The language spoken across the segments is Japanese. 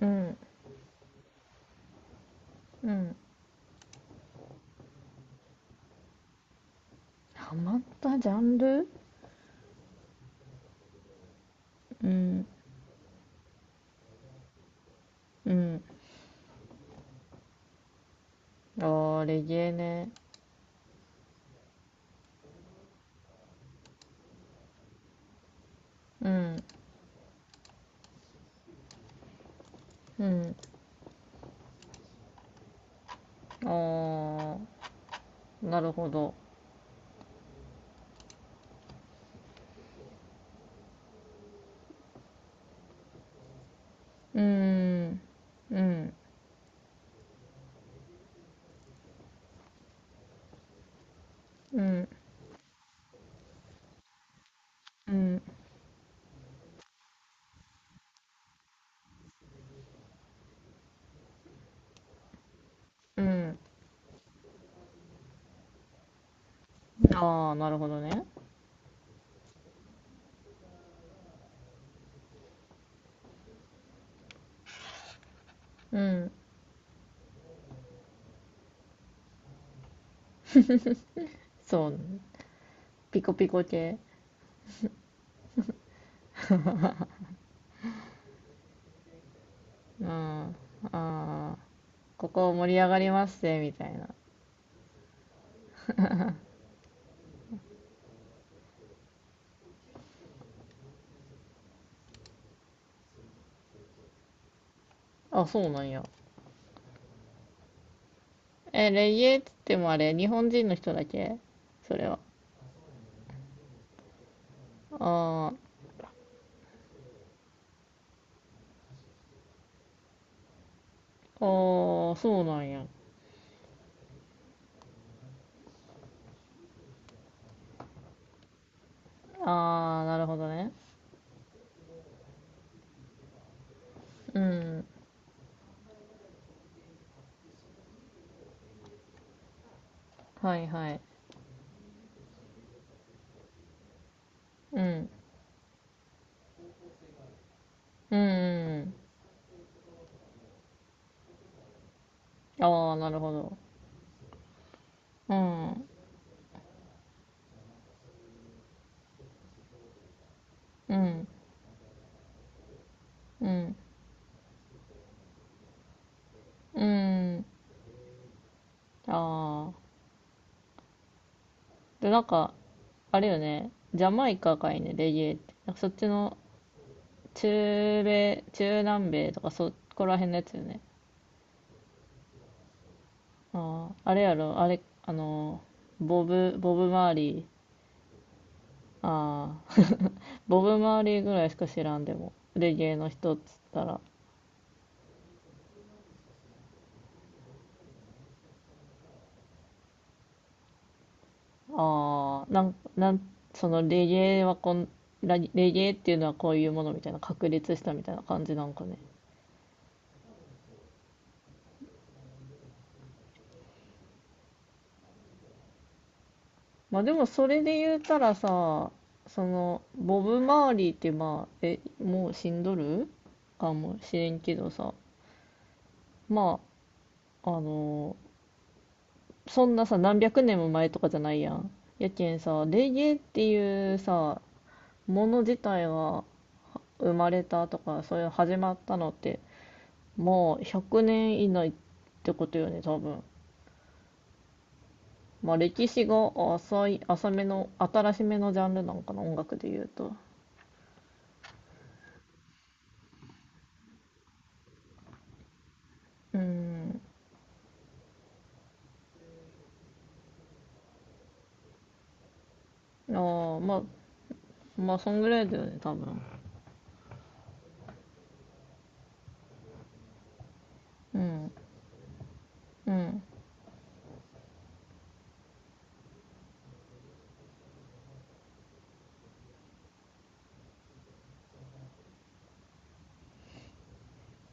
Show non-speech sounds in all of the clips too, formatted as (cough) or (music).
うん、うん。ハマったジャンル、うん、うん。あー、レゲエね。うん、うん。あー、なるほど。うん、うん、うん、うん、うん。あー、なるほどね。うん、そう、ピコピコ系。うん、あー、ここ盛り上がりますぜ、みたいな。あ、そうなんや。え、レゲエって言ってもあれ、日本人の人だけ、それは。あー、あー、そうなんや。ああ、なるほどね。うん。はいはい。うん。うん、うん。ああ、なるほど。うん。うん。うん。うん。ああ。で、なんか、あれよね。ジャマイカかいね、レゲエって。なんかそっちの中米、中南米とかそこら辺のやつよね。ああ、あれやろ、あれ、ボブ・マーリー。ああ。(laughs) ボブ・マーリーぐらいしか知らんでも。レゲエの人っつったら。ああ、なん、なん、そのレゲエはこん、ラレゲエっていうのはこういうものみたいな、確立したみたいな感じなんかね。まあでもそれで言うたらさ、その、ボブ・マーリーってまあ、え、もう死んどるかもしれんけどさ、まあ、あの、そんなさ、何百年も前とかじゃないやん。やけんさ、レゲエっていうさ、もの自体が生まれたとか、そういう始まったのって、もう100年以内ってことよね、多分。まあ歴史が浅い、浅めの、新しめのジャンルなんかな、音楽で言うと。うん。ああ、まあ、まあ、そんぐらいだよね、多分。うん、うん、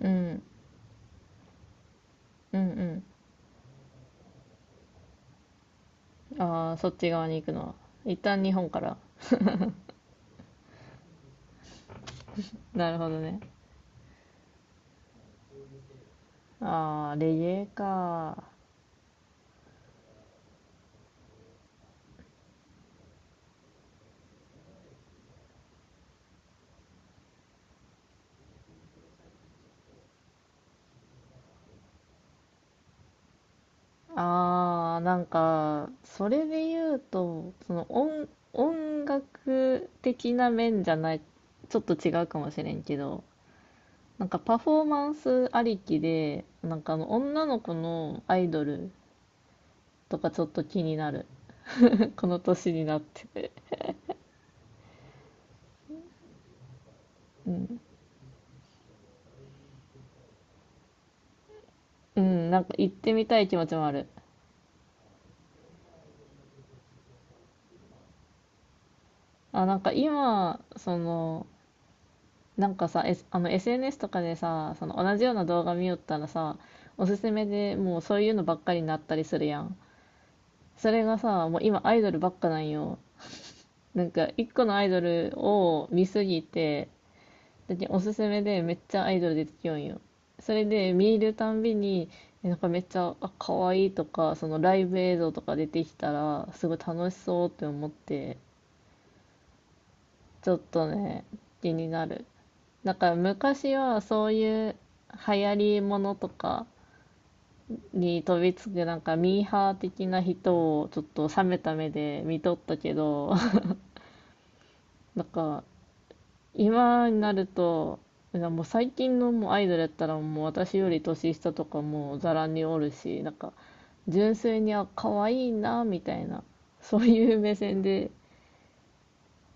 うん、うん、うん。ああ、そっち側に行くのは。一旦日本から。なるほどね。ああ、レゲエか。ああ、なんか、それで言うと、音楽的な面じゃない、ちょっと違うかもしれんけど、なんかパフォーマンスありきで、なんかあの女の子のアイドルとかちょっと気になる。(laughs) この年になってて。うん。うん、なんか行ってみたい気持ちもある。あ、なんか今、その、なんかさ、あの SNS とかでさ、その同じような動画見よったらさ、おすすめでもうそういうのばっかりになったりするやん。それがさ、もう今アイドルばっかなんよ。なんか一個のアイドルを見すぎて、だっておすすめでめっちゃアイドル出てきよんよ。それで見るたんびに、えなんかめっちゃ、あ、可愛いとか、そのライブ映像とか出てきたら、すごい楽しそうって思って、ちょっとね、気になる。なんから昔はそういう流行りものとかに飛びつくなんかミーハー的な人をちょっと冷めた目で見とったけど、 (laughs)、なんか今になると、もう最近のもうアイドルやったらもう私より年下とかもうざらにおるし、なんか純粋にあ、可愛いなみたいな、そういう目線で、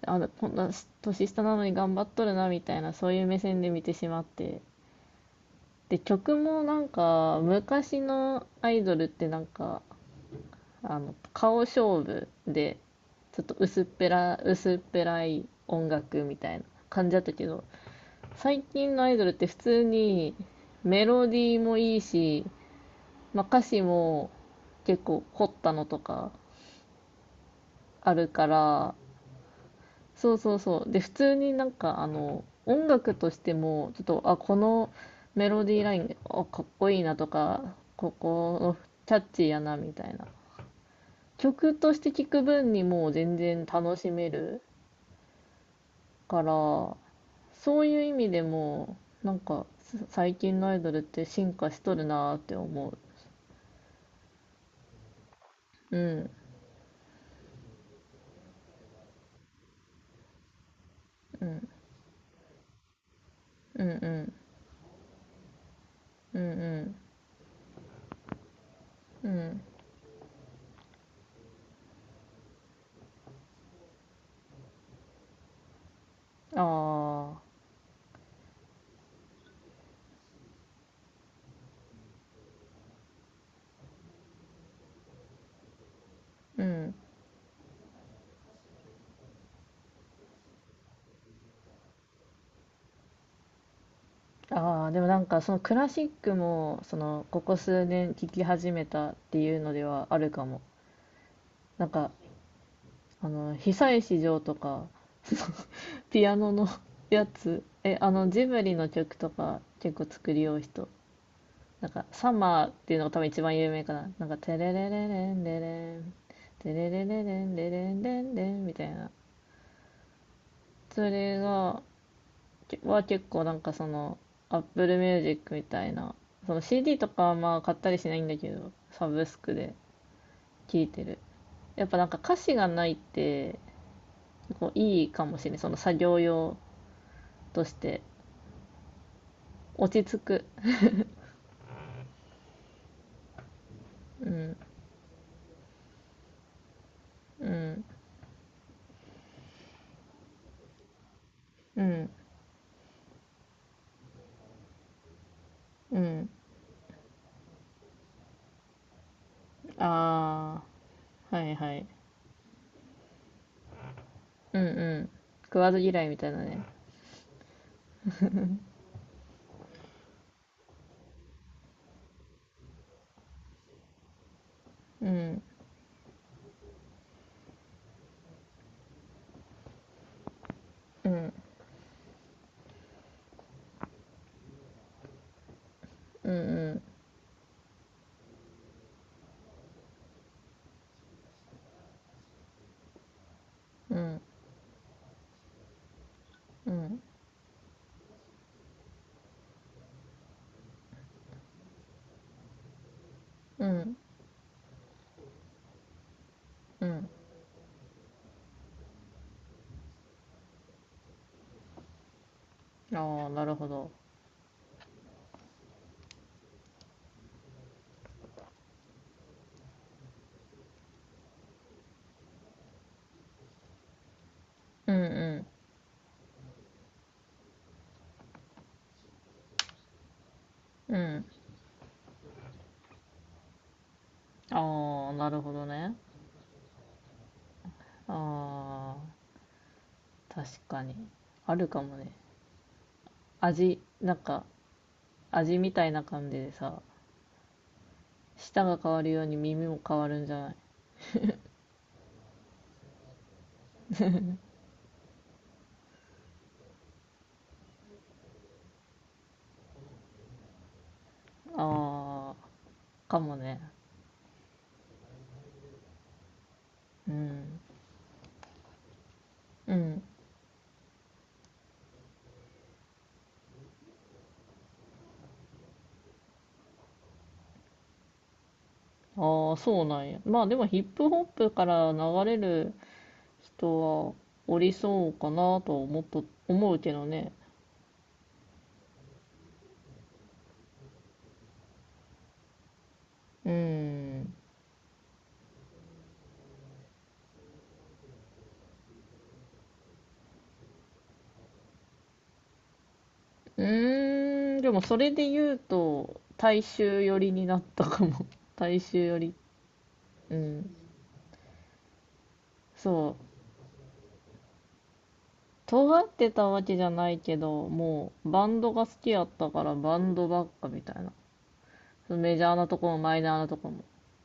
あのこんな年下なのに頑張っとるなみたいな、そういう目線で見てしまって、で曲もなんか昔のアイドルってなんかあの顔勝負で、ちょっと薄っぺらい音楽みたいな感じだったけど、最近のアイドルって普通にメロディーもいいし、まあ、歌詞も結構凝ったのとかあるから、そうそうそう。で、普通になんか、あの、音楽としても、ちょっと、あ、このメロディーライン、あ、かっこいいなとか、ここのキャッチーやな、みたいな。曲として聴く分にもう全然楽しめるから、そういう意味でも、なんか、最近のアイドルって進化しとるなーって思う。うん、うん、うん、うん、うん、うん、うん、ああ、うん。ああ、でもなんかそのクラシックも、その、ここ数年聴き始めたっていうのではあるかも。なんか、あの、久石譲とか、(laughs) ピアノの (laughs) やつ、え、あの、ジブリの曲とか結構作りよう人。なんか、サマーっていうのが多分一番有名かな。なんか、テレレレレンレレン、テレレレレンレレンレンレンみたいな。それが、結構なんかその Apple Music みたいなその CD とかはまあ買ったりしないんだけどサブスクで聴いてる。やっぱなんか歌詞がないって、こういいかもしれない、その作業用として落ち着く。うんうんうんうん、ああはいはい、うんうん、食わず嫌いみたいなね、うんうんうんうんうんうんうん、ああなるほど、うんうんうん、ああ、なるほどね。ああ、確かに。あるかもね。味、なんか、味みたいな感じでさ、舌が変わるように耳も変わるんじゃない。ああ、かもね。うん。うん。ああ、そうなんや。まあでもヒップホップから流れる人はおりそうかなと思っと、思うけどね。うん。うーん、でもそれで言うと、大衆寄りになったかも。(laughs) 大衆寄り。うん。そう。尖ってたわけじゃないけど、もうバンドが好きやったからバンドばっかみたいな。そのメジャーなとこもマイナーなとこもっ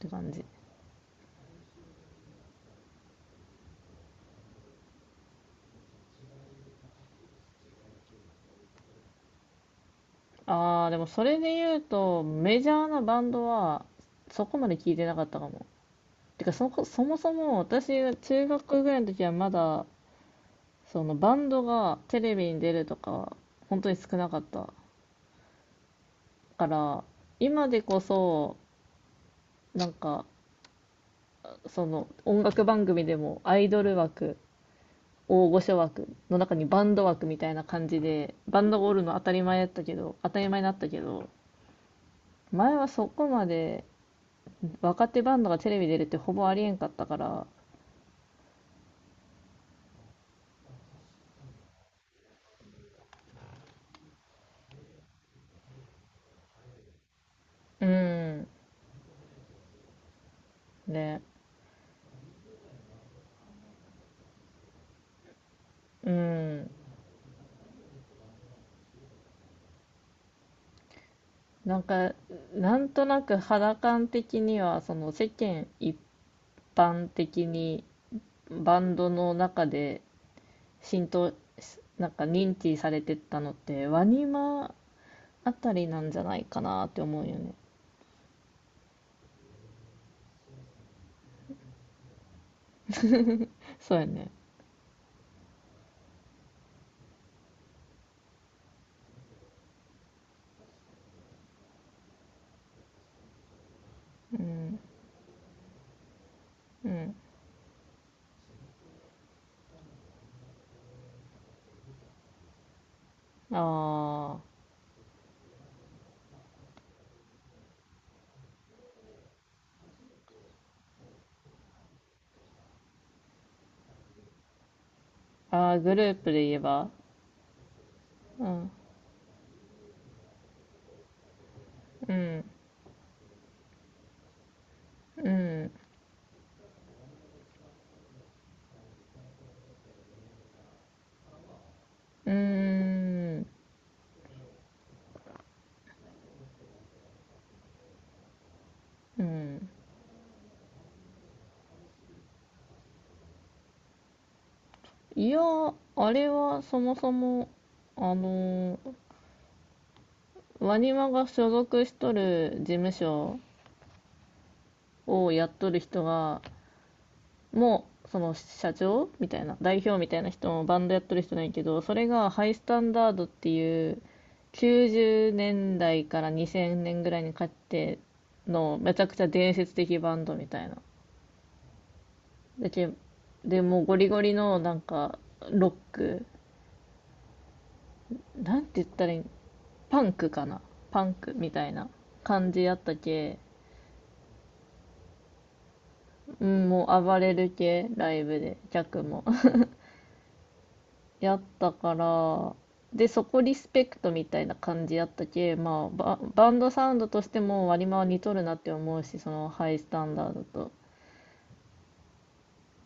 て感じ。ああ、でもそれで言うと、メジャーなバンドはそこまで聞いてなかったかも。てかそこ、そもそも私が中学ぐらいの時はまだ、そのバンドがテレビに出るとか、本当に少なかったから、今でこそ、なんか、その音楽番組でもアイドル枠、大御所枠の中にバンド枠みたいな感じで、バンドがおるの当たり前だったけど、当たり前になったけど、前はそこまで若手バンドがテレビ出るってほぼありえんかったから、うん、ね、うん。なんか、なんとなく肌感的には、その世間一般的にバンドの中で浸透、なんか認知されてったのって、ワニマあたりなんじゃないかなって思うよね。そうやね。うん。うん。あーあー。あ、グループで言えば。うん。うん。うん。うーん。うん。いや、あれはそもそも、あのーワニマが所属しとる事務所をやっとる人が、その社長みたいな代表みたいな人もバンドやってる人ないけど、それがハイスタンダードっていう90年代から2000年ぐらいにかけてのめちゃくちゃ伝説的バンドみたいな。でけでもうゴリゴリのなんかロック、なんて言ったらいい、パンクかな、パンクみたいな感じやったけ、うん、もう暴れる系ライブで客もやったから、で、そこリスペクトみたいな感じやったけ、まあ、バンドサウンドとしても割り回り似とるなって思うし、そのハイスタンダードと。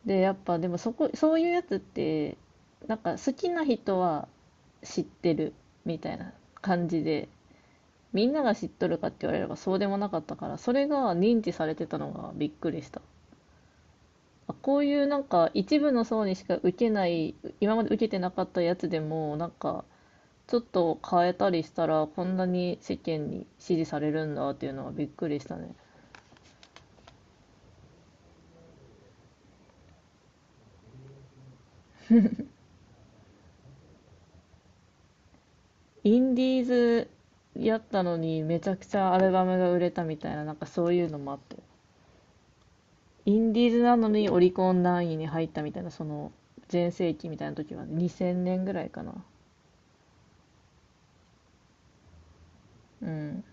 で、やっぱでもそこ、そういうやつって、なんか好きな人は知ってるみたいな感じで、みんなが知っとるかって言われればそうでもなかったから、それが認知されてたのがびっくりした。あ、こういうなんか一部の層にしか受けない、今まで受けてなかったやつでも、なんか、ちょっと変えたりしたら、こんなに世間に支持されるんだっていうのはびっくりしたね。インディーズやったのにめちゃくちゃアルバムが売れたみたいな、なんかそういうのもあって。インディーズなのにオリコン何位に入ったみたいな、その全盛期みたいな時は2000年ぐらいかな。うん。